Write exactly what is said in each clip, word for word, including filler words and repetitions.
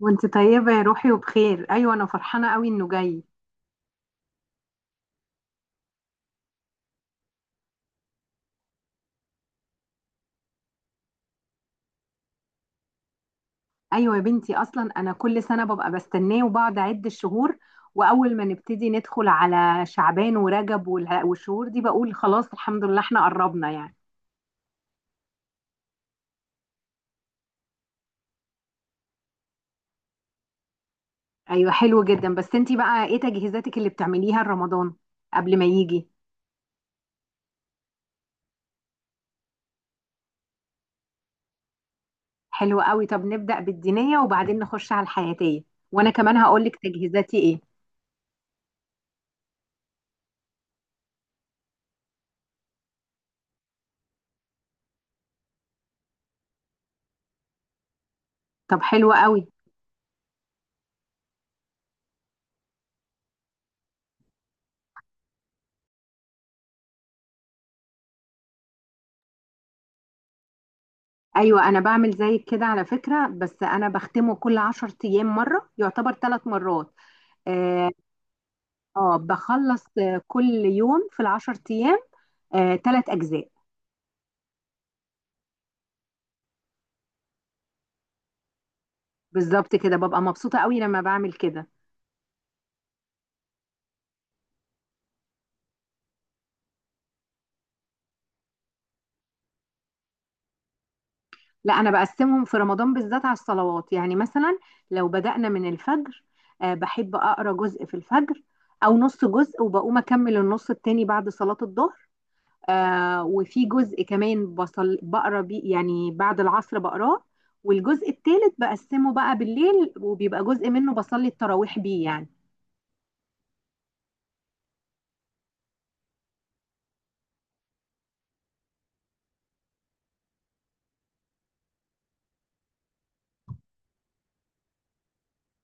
وانت طيبة يا روحي وبخير، ايوه انا فرحانة قوي انه جاي. ايوه يا بنتي، اصلا انا كل سنة ببقى بستناه وبقعد اعد الشهور. واول ما نبتدي ندخل على شعبان ورجب والها- والشهور دي بقول خلاص الحمد لله احنا قربنا يعني. ايوه حلو جدا، بس انت بقى ايه تجهيزاتك اللي بتعمليها لرمضان قبل ما يجي؟ حلو قوي، طب نبدأ بالدينية وبعدين نخش على الحياتية، وانا كمان هقولك تجهيزاتي ايه. طب حلو قوي. ايوه انا بعمل زيك كده على فكره، بس انا بختمه كل عشر ايام مره، يعتبر ثلاث مرات. اه. آه، بخلص آه، كل يوم في العشر ايام. آه، ثلاث اجزاء. بالظبط كده، ببقى مبسوطه قوي لما بعمل كده. لا، انا بقسمهم في رمضان بالذات على الصلوات، يعني مثلا لو بدأنا من الفجر. آه، بحب اقرا جزء في الفجر، او نص جزء وبقوم اكمل النص التاني بعد صلاه الظهر. آه وفي جزء كمان بصل بقرا بيه يعني بعد العصر بقراه. والجزء الثالث بقسمه بقى بالليل، وبيبقى جزء منه بصلي التراويح بيه يعني.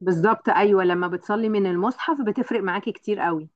بالظبط، ايوه لما بتصلي من المصحف بتفرق معاكي كتير قوي.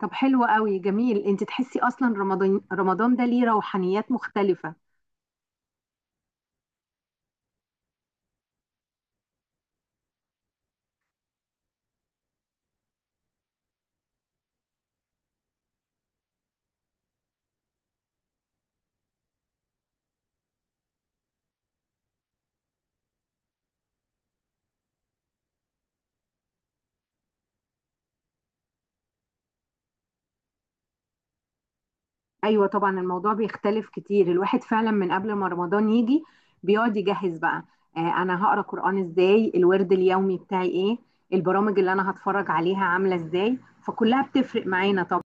طب حلو قوي جميل، انت تحسي اصلا رمضان رمضان ده ليه روحانيات مختلفة؟ ايوه طبعا، الموضوع بيختلف كتير، الواحد فعلا من قبل ما رمضان يجي بيقعد يجهز بقى. آه انا هقرا قرآن ازاي، الورد اليومي بتاعي ايه، البرامج اللي انا هتفرج عليها عامله ازاي، فكلها بتفرق معانا طبعا.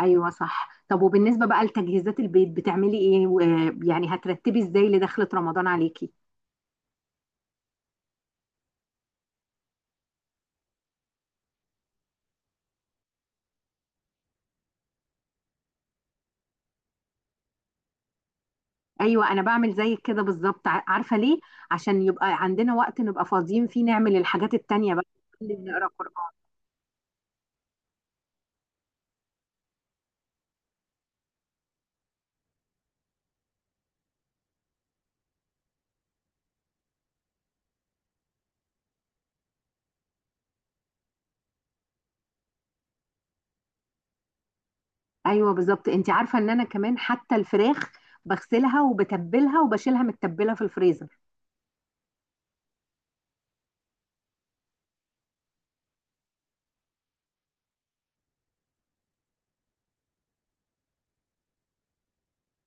ايوه صح، طب وبالنسبه بقى لتجهيزات البيت بتعملي ايه و- يعني هترتبي ازاي لدخلة رمضان عليكي؟ ايوه انا بعمل زيك كده بالظبط، ع- عارفه ليه؟ عشان يبقى عندنا وقت نبقى فاضيين فيه نعمل الحاجات التانية بقى، نقرا قرآن. ايوه بالظبط، انت عارفه ان انا كمان حتى الفراخ بغسلها وبتبلها وبشيلها متبله في الفريزر.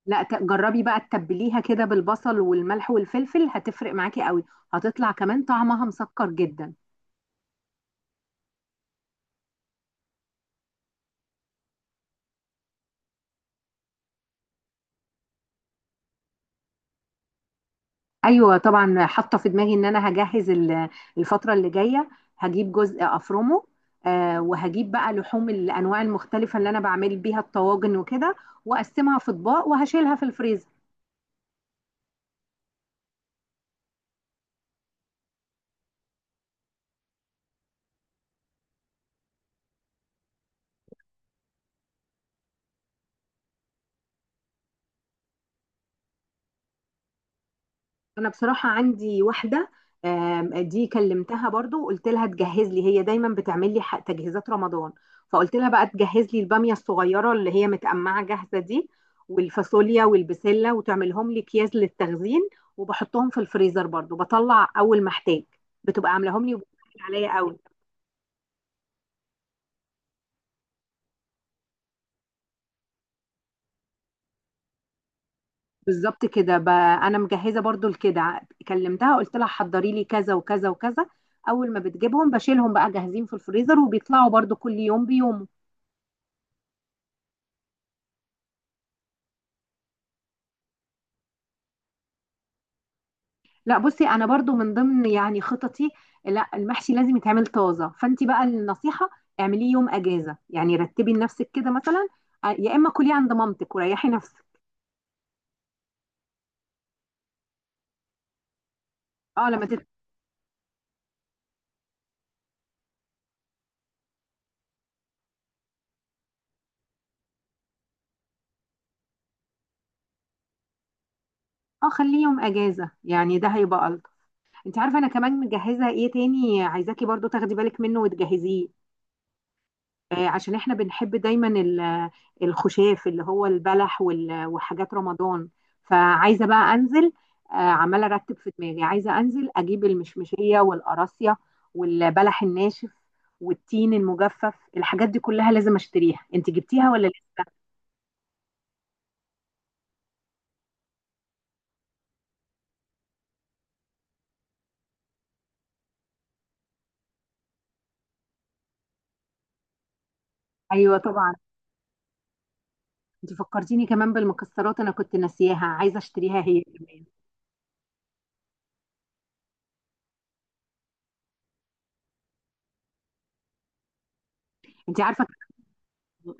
لا، ت- جربي بقى تتبليها كده بالبصل والملح والفلفل، هتفرق معاكي قوي، هتطلع كمان طعمها مسكر جدا. ايوه طبعا، حاطه في دماغي ان انا هجهز ال- الفتره اللي جايه. هجيب جزء افرمه. آه وهجيب بقى لحوم الانواع المختلفه اللي انا بعمل بيها الطواجن وكده، واقسمها في اطباق وهشيلها في الفريزر. انا بصراحه عندي واحده، آم، دي كلمتها برضو وقلت لها تجهز لي، هي دايما بتعمل لي ح- تجهيزات رمضان. فقلت لها بقى تجهز لي الباميه الصغيره اللي هي متقمعه جاهزه دي، والفاصوليا والبسله، وتعملهم لي اكياس للتخزين، وبحطهم في الفريزر برضو بطلع اول ما احتاج، بتبقى عاملاهم لي وبتسهل عليا قوي. بالظبط كده، ب- انا مجهزه برضو لكده. كلمتها قلت لها حضري لي كذا وكذا وكذا، اول ما بتجيبهم بشيلهم بقى جاهزين في الفريزر وبيطلعوا برضو كل يوم بيومه. لا بصي، انا برضو من ضمن يعني خططي. لا، المحشي لازم يتعمل طازه، فانت بقى النصيحه اعمليه يوم اجازه، يعني رتبي لنفسك كده مثلا. آه، يا اما كليه عند مامتك وريحي نفسك. اه، لما تت. اه، خليه يوم اجازه، يعني ده هيبقى الطف. انت عارفه انا كمان مجهزه ايه تاني؟ عايزاكي برضو تاخدي بالك منه وتجهزيه. آه، عشان احنا بنحب دايما ال- الخشاف اللي هو البلح وال- وحاجات رمضان، فعايزه بقى انزل. آه، عماله ارتب في دماغي، عايزه انزل اجيب المشمشيه والقراصيه والبلح الناشف والتين المجفف، الحاجات دي كلها لازم اشتريها. انت جبتيها ولا لسه؟ ايوه طبعا. انت فكرتيني كمان بالمكسرات، انا كنت ناسياها عايزه اشتريها هي كمان. انت عارفه.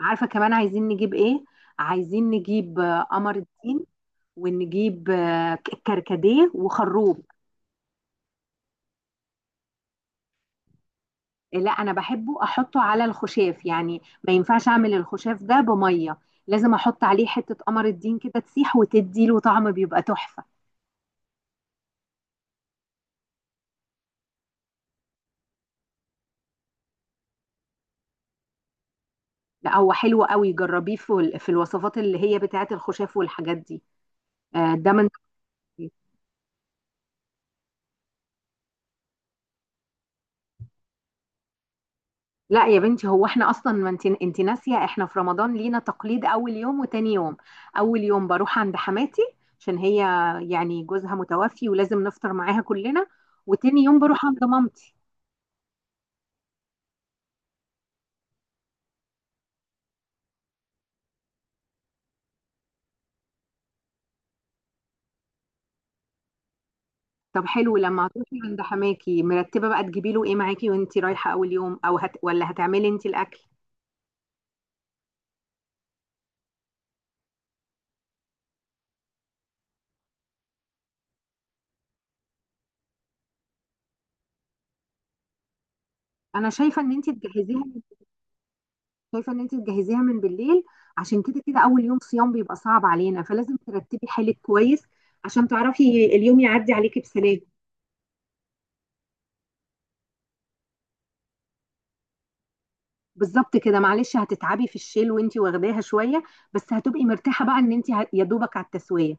عارفه كمان عايزين نجيب ايه؟ عايزين نجيب آه، قمر الدين، ونجيب آه، ك- كركديه وخروب. لا، انا بحبه احطه على الخشاف، يعني ما ينفعش اعمل الخشاف ده بميه، لازم احط عليه حته قمر الدين كده تسيح وتدي له طعم، بيبقى تحفه. لا، هو حلو قوي، جربيه في ال- في الوصفات اللي هي بتاعت الخشاف والحاجات دي. آه، ده من. لا يا بنتي، هو احنا اصلا، ما انت انت ناسيه احنا في رمضان لينا تقليد اول يوم وتاني يوم. اول يوم بروح عند حماتي، عشان هي يعني جوزها متوفي ولازم نفطر معاها كلنا. وتاني يوم بروح عند مامتي. طب حلو، لما هتروحي عند حماكي مرتبه بقى تجيبي له ايه معاكي وانت رايحه اول يوم، او هت، ولا هتعملي انت الاكل؟ انا شايفه ان انت تجهزيها. شايفه ان انت تجهزيها من بالليل، عشان كده كده اول يوم صيام بيبقى صعب علينا، فلازم ترتبي حالك كويس عشان تعرفي اليوم يعدي عليكي بسلام. بالظبط كده، معلش هتتعبي في الشيل وانتي واخداها شويه، بس هتبقي مرتاحه بقى ان انتي ه- يا دوبك على التسويه.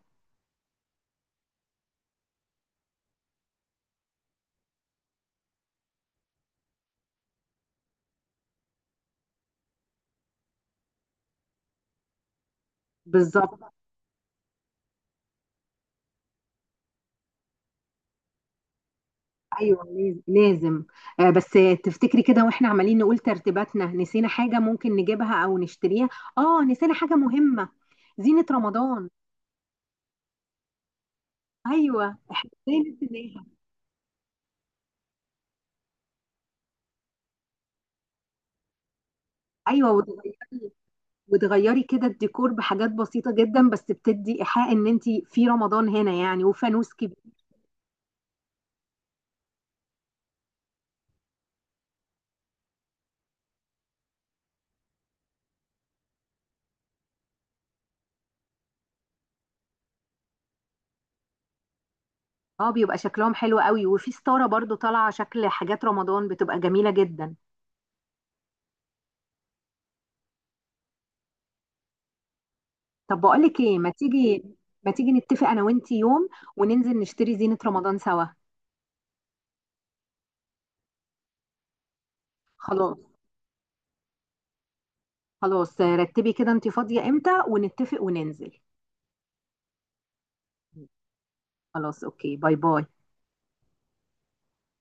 بالظبط ايوه، لاز- لازم. آه، بس تفتكري كده واحنا عمالين نقول ترتيباتنا نسينا حاجه ممكن نجيبها او نشتريها؟ اه، نسينا حاجه مهمه، زينه رمضان. ايوه، احنا ازاي نسيناها؟ ايوه وتغيري. وتغيري كده الديكور بحاجات بسيطه جدا، بس بتدي ايحاء ان انتي في رمضان هنا يعني، وفانوس. اه، بيبقى شكلهم حلو قوي، وفي ستارة برضو طالعة شكل حاجات رمضان بتبقى جميلة جدا. طب بقولك ايه، ما تيجي ما تيجي نتفق انا وانتي يوم وننزل نشتري زينة رمضان سوا. خلاص. خلاص، رتبي كده انتي فاضية امتى ونتفق وننزل. خلاص، اوكي، باي باي.